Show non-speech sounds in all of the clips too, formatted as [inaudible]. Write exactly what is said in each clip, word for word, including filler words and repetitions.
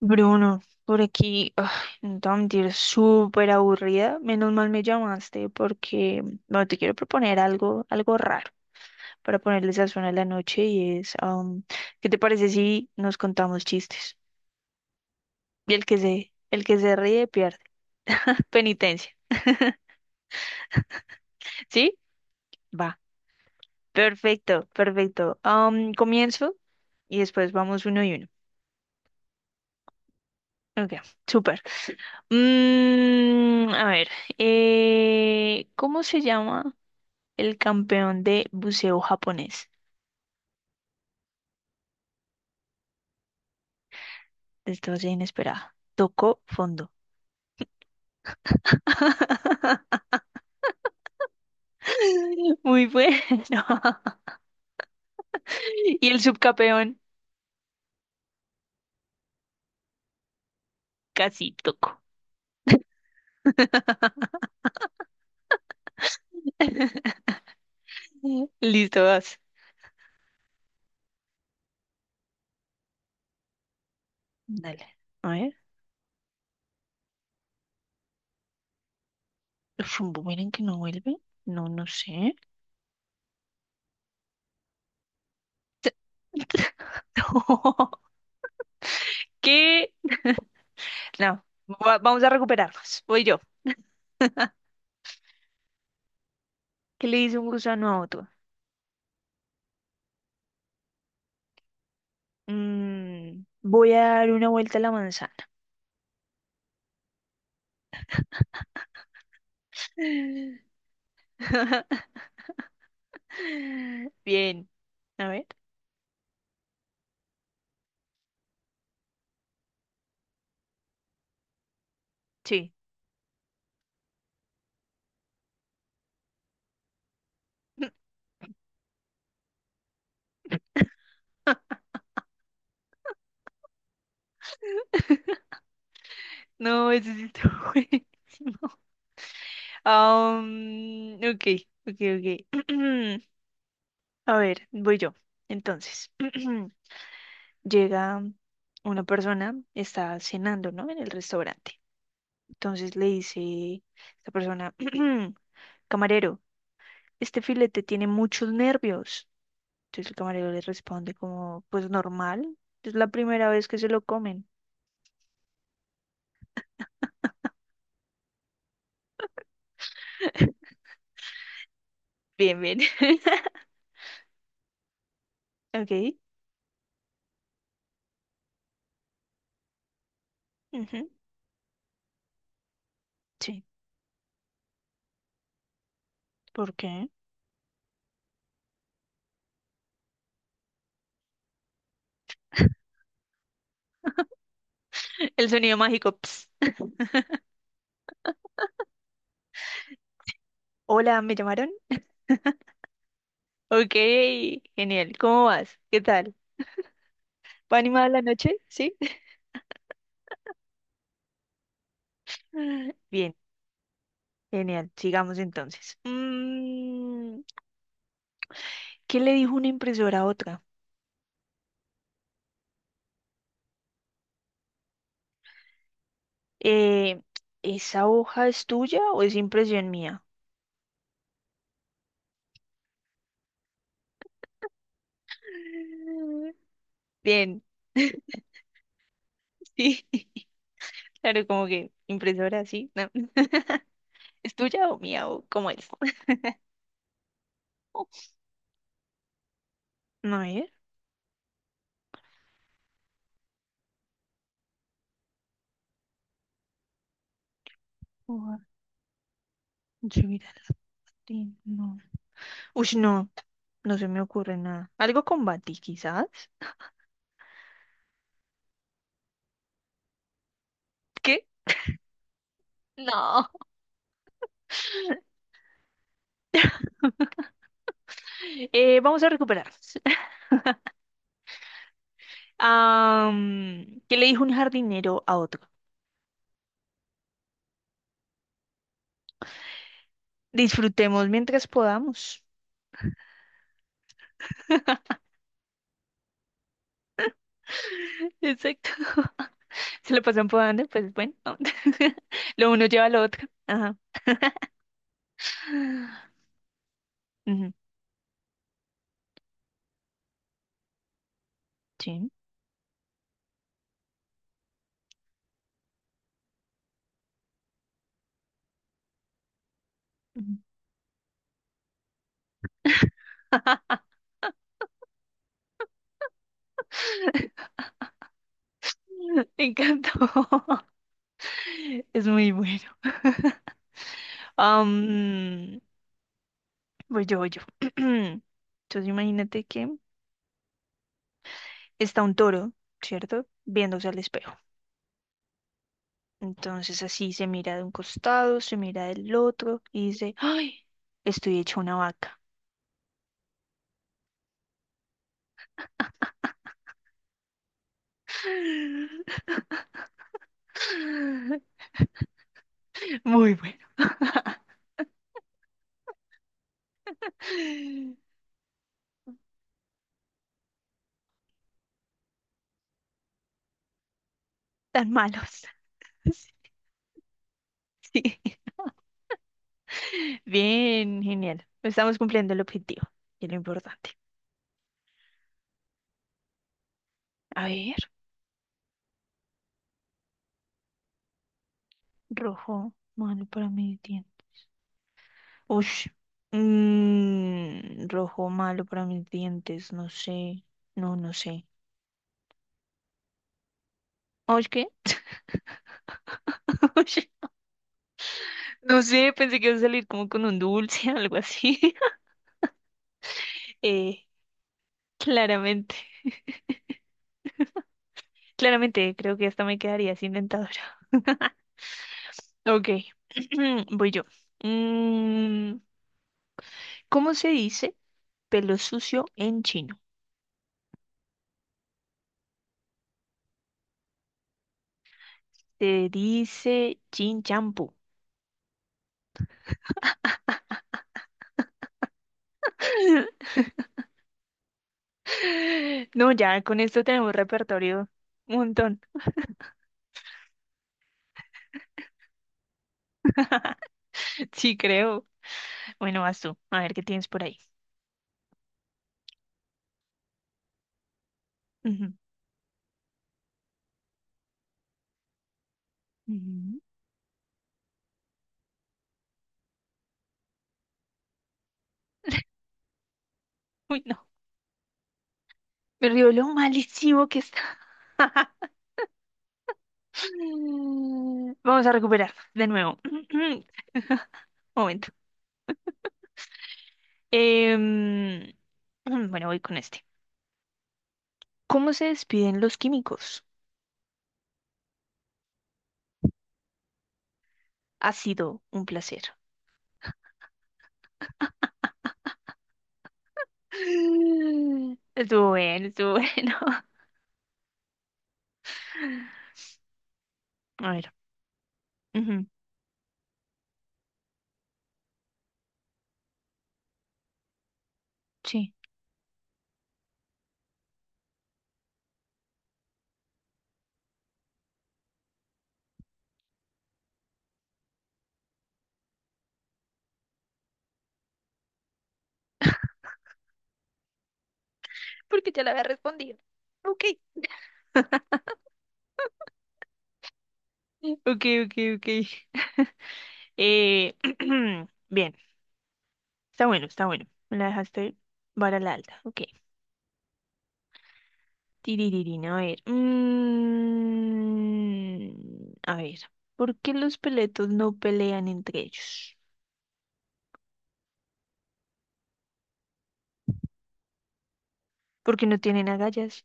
Bruno, por aquí, ay, no te voy a mentir, súper aburrida. Menos mal me llamaste porque, bueno, te quiero proponer algo, algo raro para ponerle sazón a la noche y es, am, ¿qué te parece si nos contamos chistes? Y el que se, el que se ríe pierde. Penitencia, ¿sí? Va. Perfecto, perfecto. Am, comienzo y después vamos uno y uno. Ok, súper. Mm, a ver, eh, ¿cómo se llama el campeón de buceo japonés? Desgracia inesperada. Tocó fondo. [laughs] Muy bueno. [laughs] Y el subcampeón casi tocó. [laughs] Listo, vas. Dale. A ver. Rumbo, miren que no vuelve. No, no sé. [laughs] No. ¿Qué? [laughs] No. Va- vamos a recuperarnos. Voy yo. ¿Qué le dice un gusano a otro? Mm, voy a dar una vuelta a la manzana. [laughs] Bien. A ver. Sí. [laughs] No, ese sí está [laughs] buenísimo. Um, ok, ok, ok. [clears throat] A ver, voy yo. Entonces, [clears throat] llega una persona, está cenando, ¿no? En el restaurante. Entonces le dice esta persona, [clears throat] camarero, este filete tiene muchos nervios. Entonces el camarero le responde como, pues normal, es la primera vez que se lo comen. [laughs] Bien, bien. [laughs] Ok. Ujú. Sí. ¿Por qué? [laughs] El sonido mágico. Ps. Hola, ¿me llamaron? Ok, genial. ¿Cómo vas? ¿Qué tal? ¿Va animada la noche? ¿Sí? [laughs] Bien, genial. Sigamos entonces. Mm, ¿qué le dijo una impresora a otra? Eh, ¿Esa hoja es tuya o es impresión mía? [laughs] Bien. [laughs] Sí. [laughs] Claro, como que impresora, sí. No. [laughs] ¿Es tuya o mía o cómo es? [laughs] No, ¿eh? Subir al tren, no. Uy, no, no se me ocurre nada. Algo con Bati, quizás. ¿Qué? No. Eh, vamos a recuperar. [laughs] Am, ¿qué le dijo un jardinero a otro? Disfrutemos mientras podamos. [laughs] Exacto. [laughs] Se lo pasan podando, pues bueno. [laughs] Lo uno lleva lo otro. Ajá. [laughs] Ujú. Sí. Ujú. [laughs] Me encantó. [laughs] [laughs] Es muy bueno. [laughs] Am, voy yo, voy yo. [clears throat] Entonces imagínate que está un toro, ¿cierto? Viéndose al espejo. Entonces así se mira de un costado, se mira del otro y dice, ¡ay! Estoy hecho una vaca. [laughs] Muy bueno. Tan malos. [laughs] Sí. Bien, genial. Estamos cumpliendo el objetivo y lo importante. A ver, rojo, malo para mí. Ush. Mm, rojo malo para mis dientes, no sé. No, no sé. Ush, ¿qué? [laughs] Ush, no sé, pensé que iba a salir como con un dulce, [laughs] algo así. [laughs] Eh, Claramente, claramente, creo que hasta me quedaría sin dentadura. [laughs] Ok, [clears throat] voy yo. Mm, ¿cómo se dice pelo sucio en chino? Se dice chin champú. [laughs] [laughs] No, ya con esto tenemos repertorio un montón. [laughs] Sí, creo. Bueno, vas tú. A ver qué tienes por ahí. Ujú, ujú. Uy, no. Me río lo malísimo que está. [laughs] Mm, vamos a recuperar de nuevo. [laughs] [clears throat] Momento. Em, [clears throat] bueno, voy con este. ¿Cómo se despiden los químicos? Ha sido un placer. [gasps] [laughs] Estuvo bueno, estuvo bueno. [laughs] A ver. Ujú. Sí. Porque ya le había respondido. Ok. [laughs] Ok, ok, ok. [laughs] Eh, [clears throat] bien, está bueno, está bueno. Me la dejaste vara a la alta. Ok. Tirirín, a ver. Mm, a ver. ¿Por qué los peletos no pelean entre ellos? Porque no tienen agallas.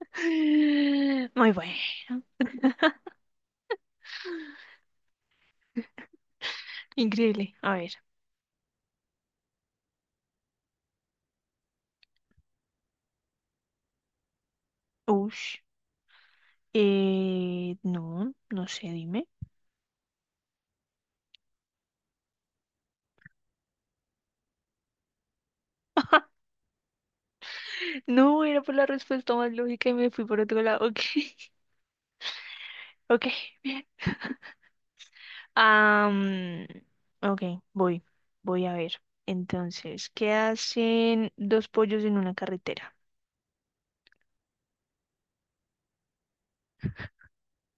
[gasps] [laughs] Muy bueno. Increíble. A ver. Ush. Eh, no, no sé, dime. No, era por la respuesta más lógica y me fui por otro lado. [laughs] Ok. Ok, bien. Am, ok, voy, voy a ver. Entonces, ¿qué hacen dos pollos en una carretera?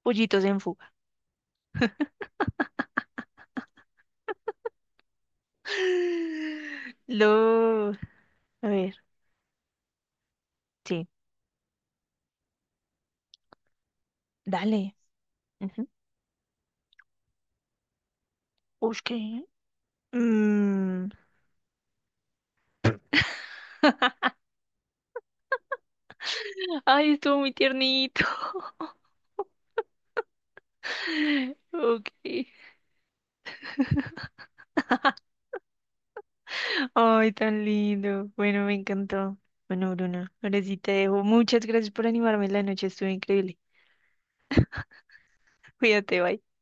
Pollitos en fuga. [gasps] [laughs] Lo, a ver, sí, dale. Ujú. Ush, ¿qué? Mm, [gasps] ay, estuvo muy tiernito. [laughs] Ok. Ay, tan lindo. Bueno, me encantó. Bueno, Bruna, ahora sí te dejo. Muchas gracias por animarme en la noche, estuvo increíble. [laughs] Cuídate, bye.